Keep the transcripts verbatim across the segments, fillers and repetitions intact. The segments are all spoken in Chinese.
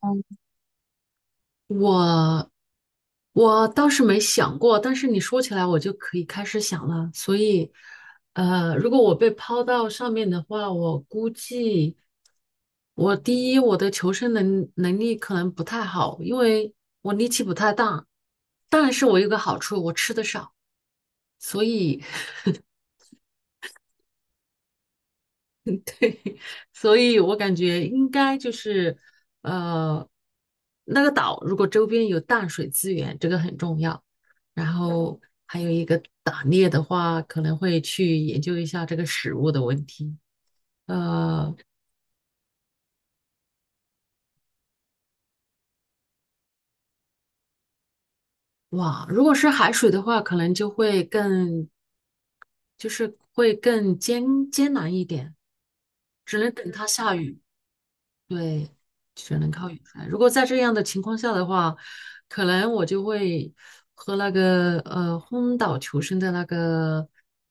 嗯，我我倒是没想过，但是你说起来，我就可以开始想了。所以，呃，如果我被抛到上面的话，我估计我第一，我的求生能能力可能不太好，因为我力气不太大。但是我有个好处，我吃的少，所以 所以我感觉应该就是，呃，那个岛如果周边有淡水资源，这个很重要。然后还有一个打猎的话，可能会去研究一下这个食物的问题。呃，哇，如果是海水的话，可能就会更，就是会更艰艰难一点，只能等它下雨。对，只能靠远赛。如果在这样的情况下的话，可能我就会和那个呃荒岛求生的那个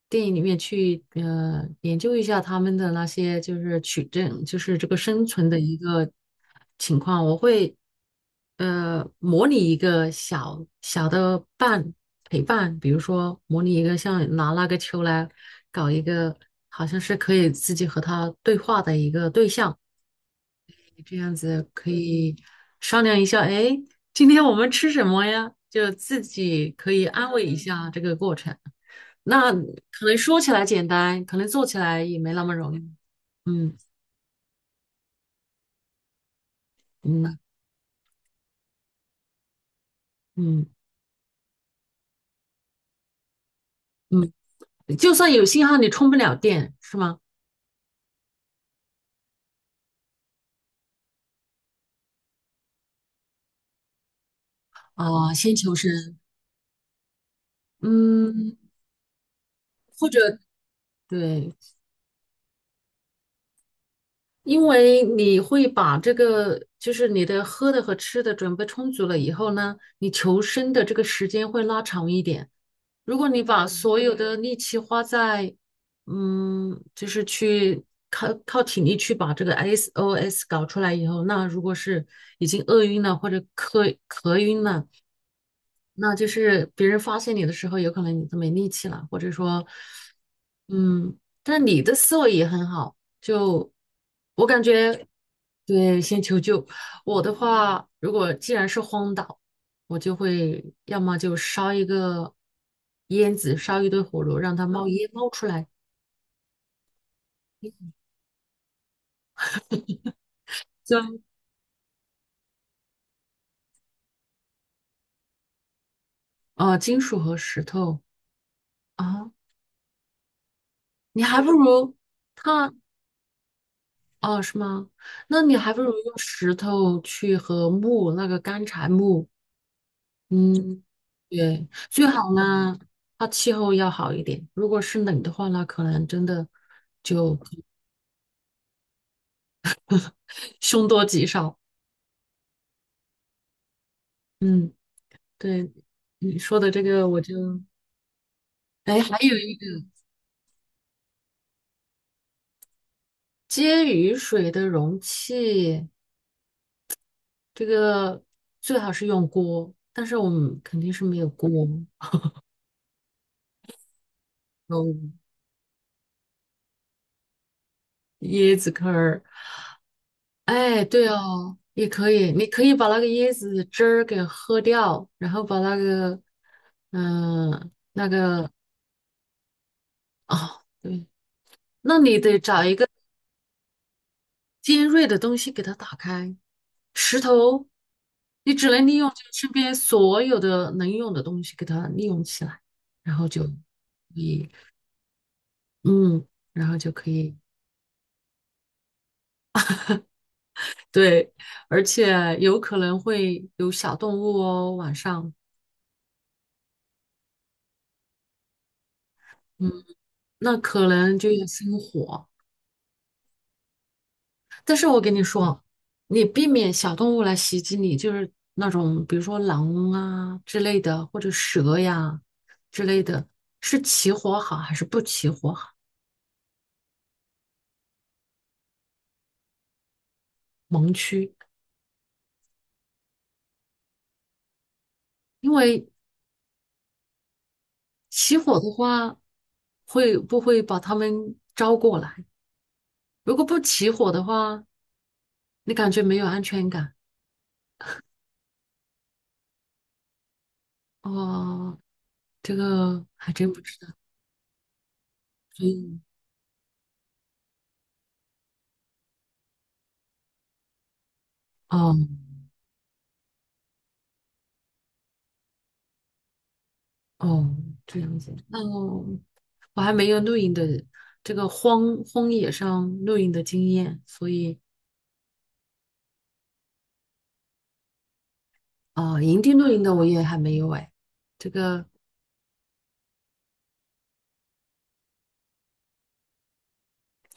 电影里面去呃研究一下他们的那些就是取证，就是这个生存的一个情况。我会呃模拟一个小小的伴陪伴，比如说模拟一个像拿那个球来搞一个，好像是可以自己和他对话的一个对象。这样子可以商量一下，哎，今天我们吃什么呀？就自己可以安慰一嗯下这个过程。那可能说起来简单，可能做起来也没那么容易。嗯嗯嗯嗯，就算有信号，你充不了电，是吗？啊、先求生。嗯，或者对，因为你会把这个，就是你的喝的和吃的准备充足了以后呢，你求生的这个时间会拉长一点。如果你把所有的力气花在，嗯，就是去靠靠体力去把这个 S O S 搞出来以后，那如果是已经饿晕了或者渴渴晕了，那就是别人发现你的时候，有可能你都没力气了，或者说，嗯，但你的思维也很好，就我感觉，对，先求救。我的话，如果既然是荒岛，我就会要么就烧一个烟子，烧一堆火炉，让它冒烟冒出来。对，呃，金属和石头啊，你还不如它哦，是吗？那你还不如用石头去和木那个干柴木。嗯，对，最好呢，它气候要好一点。如果是冷的话呢，可能真的就 凶多吉少。嗯，对，你说的这个我就，哎，还有一个接雨水的容器，这个最好是用锅，但是我们肯定是没有锅，有椰子壳儿。哎，对哦，也可以，你可以把那个椰子汁儿给喝掉，然后把那个，嗯、哦，对，那你得找一个尖锐的东西给它打开。石头，你只能利用就身边所有的能用的东西给它利用起来，然后就嗯，然后就可以对，而且有可能会有小动物哦，晚上嗯，那可能就要生火。但是我跟你说，你避免小动物来袭击你，就是那种比如说狼啊之类的，或者蛇呀之类的，是起火好还是不起火好？盲区，因为起火的话，会不会把它们招过来？如果不起火的话，你感觉没有安全感。哦，这个还真不知道。所以，哦哦，这样子，那我还没有露营的这个荒荒野上露营的经验，所以啊，呃营地露营的我也还没有哎。这个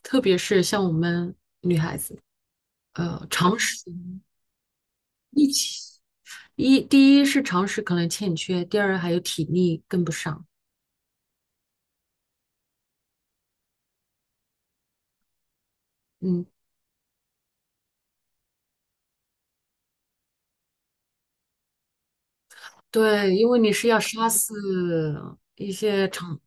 特别是像我们女孩子，呃，常识一起一第一是常识可能欠缺，第二还有体力跟不上。嗯，对，因为你是要杀死一些长，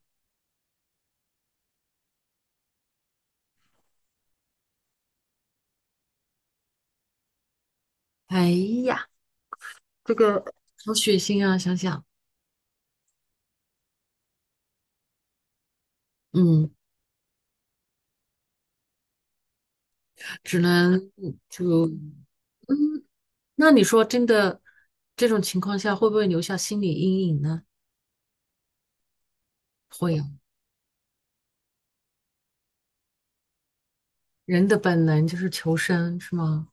哎呀，这个好血腥啊！想想，嗯，只能就那你说真的，这种情况下会不会留下心理阴影呢？会啊，人的本能就是求生，是吗？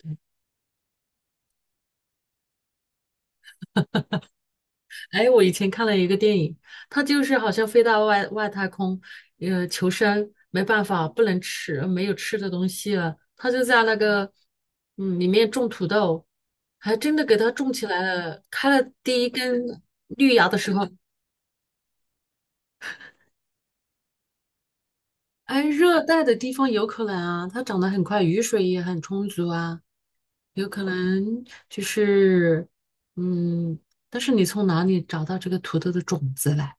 对。哎，我以前看了一个电影，它就是好像飞到外外太空，呃，求生，没办法，不能吃，没有吃的东西了，他就在那个嗯里面种土豆，还真的给它种起来了，开了第一根绿芽的时候，哎，热带的地方有可能啊，它长得很快，雨水也很充足啊。有可能就是，嗯，但是你从哪里找到这个土豆的种子来？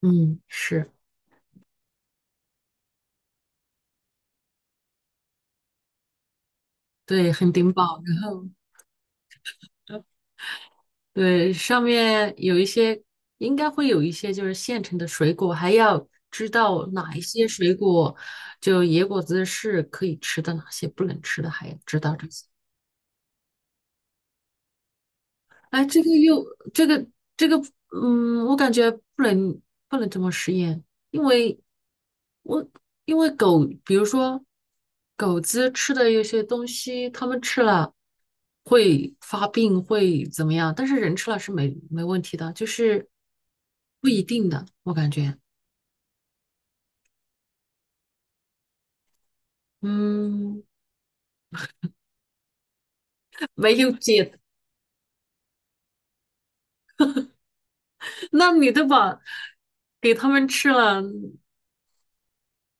嗯，是，对，很顶饱。然后，对，上面有一些，应该会有一些就是现成的水果，还要知道哪一些水果，就野果子是可以吃的，哪些不能吃的，还要知道这些。哎，这个又这个这个，嗯，我感觉不能不能这么实验，因为我因为狗，比如说狗子吃的有些东西，它们吃了会发病，会怎么样？但是人吃了是没没问题的，就是不一定的，我感觉，嗯，没有解。那你都把给它们吃了，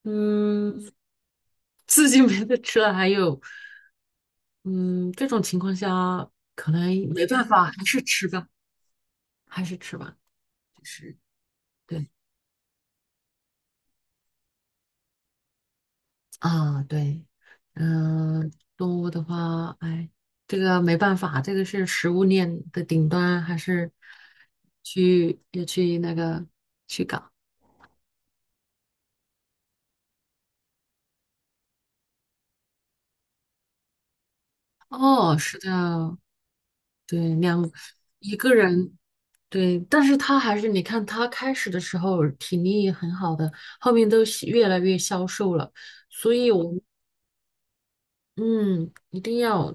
嗯，自己没得吃了，还有，嗯，这种情况下嗯没办法，还是吃吧，还是吃吧，就是对啊，对，嗯、动物的话，哎，这个没办法，这个是食物链的顶端，还是去要去那个去搞。哦，是的，对，两一个人对，但是他还是，你看他开始的时候体力也很好的，后面都是越来越消瘦了，所以我们嗯一定要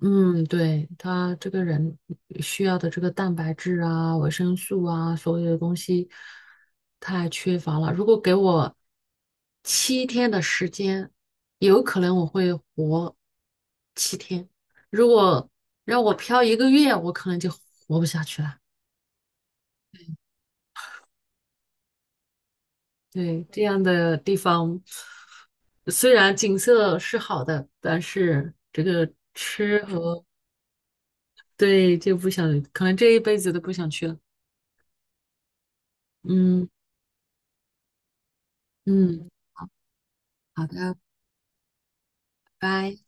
嗯，对，他这个人需要的这个蛋白质啊、维生素啊，所有的东西太缺乏了。如果给我七天的时间，有可能我会活七天；如果让我漂一个月，我可能就活不下去了。对，这样的地方，虽然景色是好的，但是这个吃和对就不想，可能这一辈子都不想去了。嗯嗯，好的，拜拜。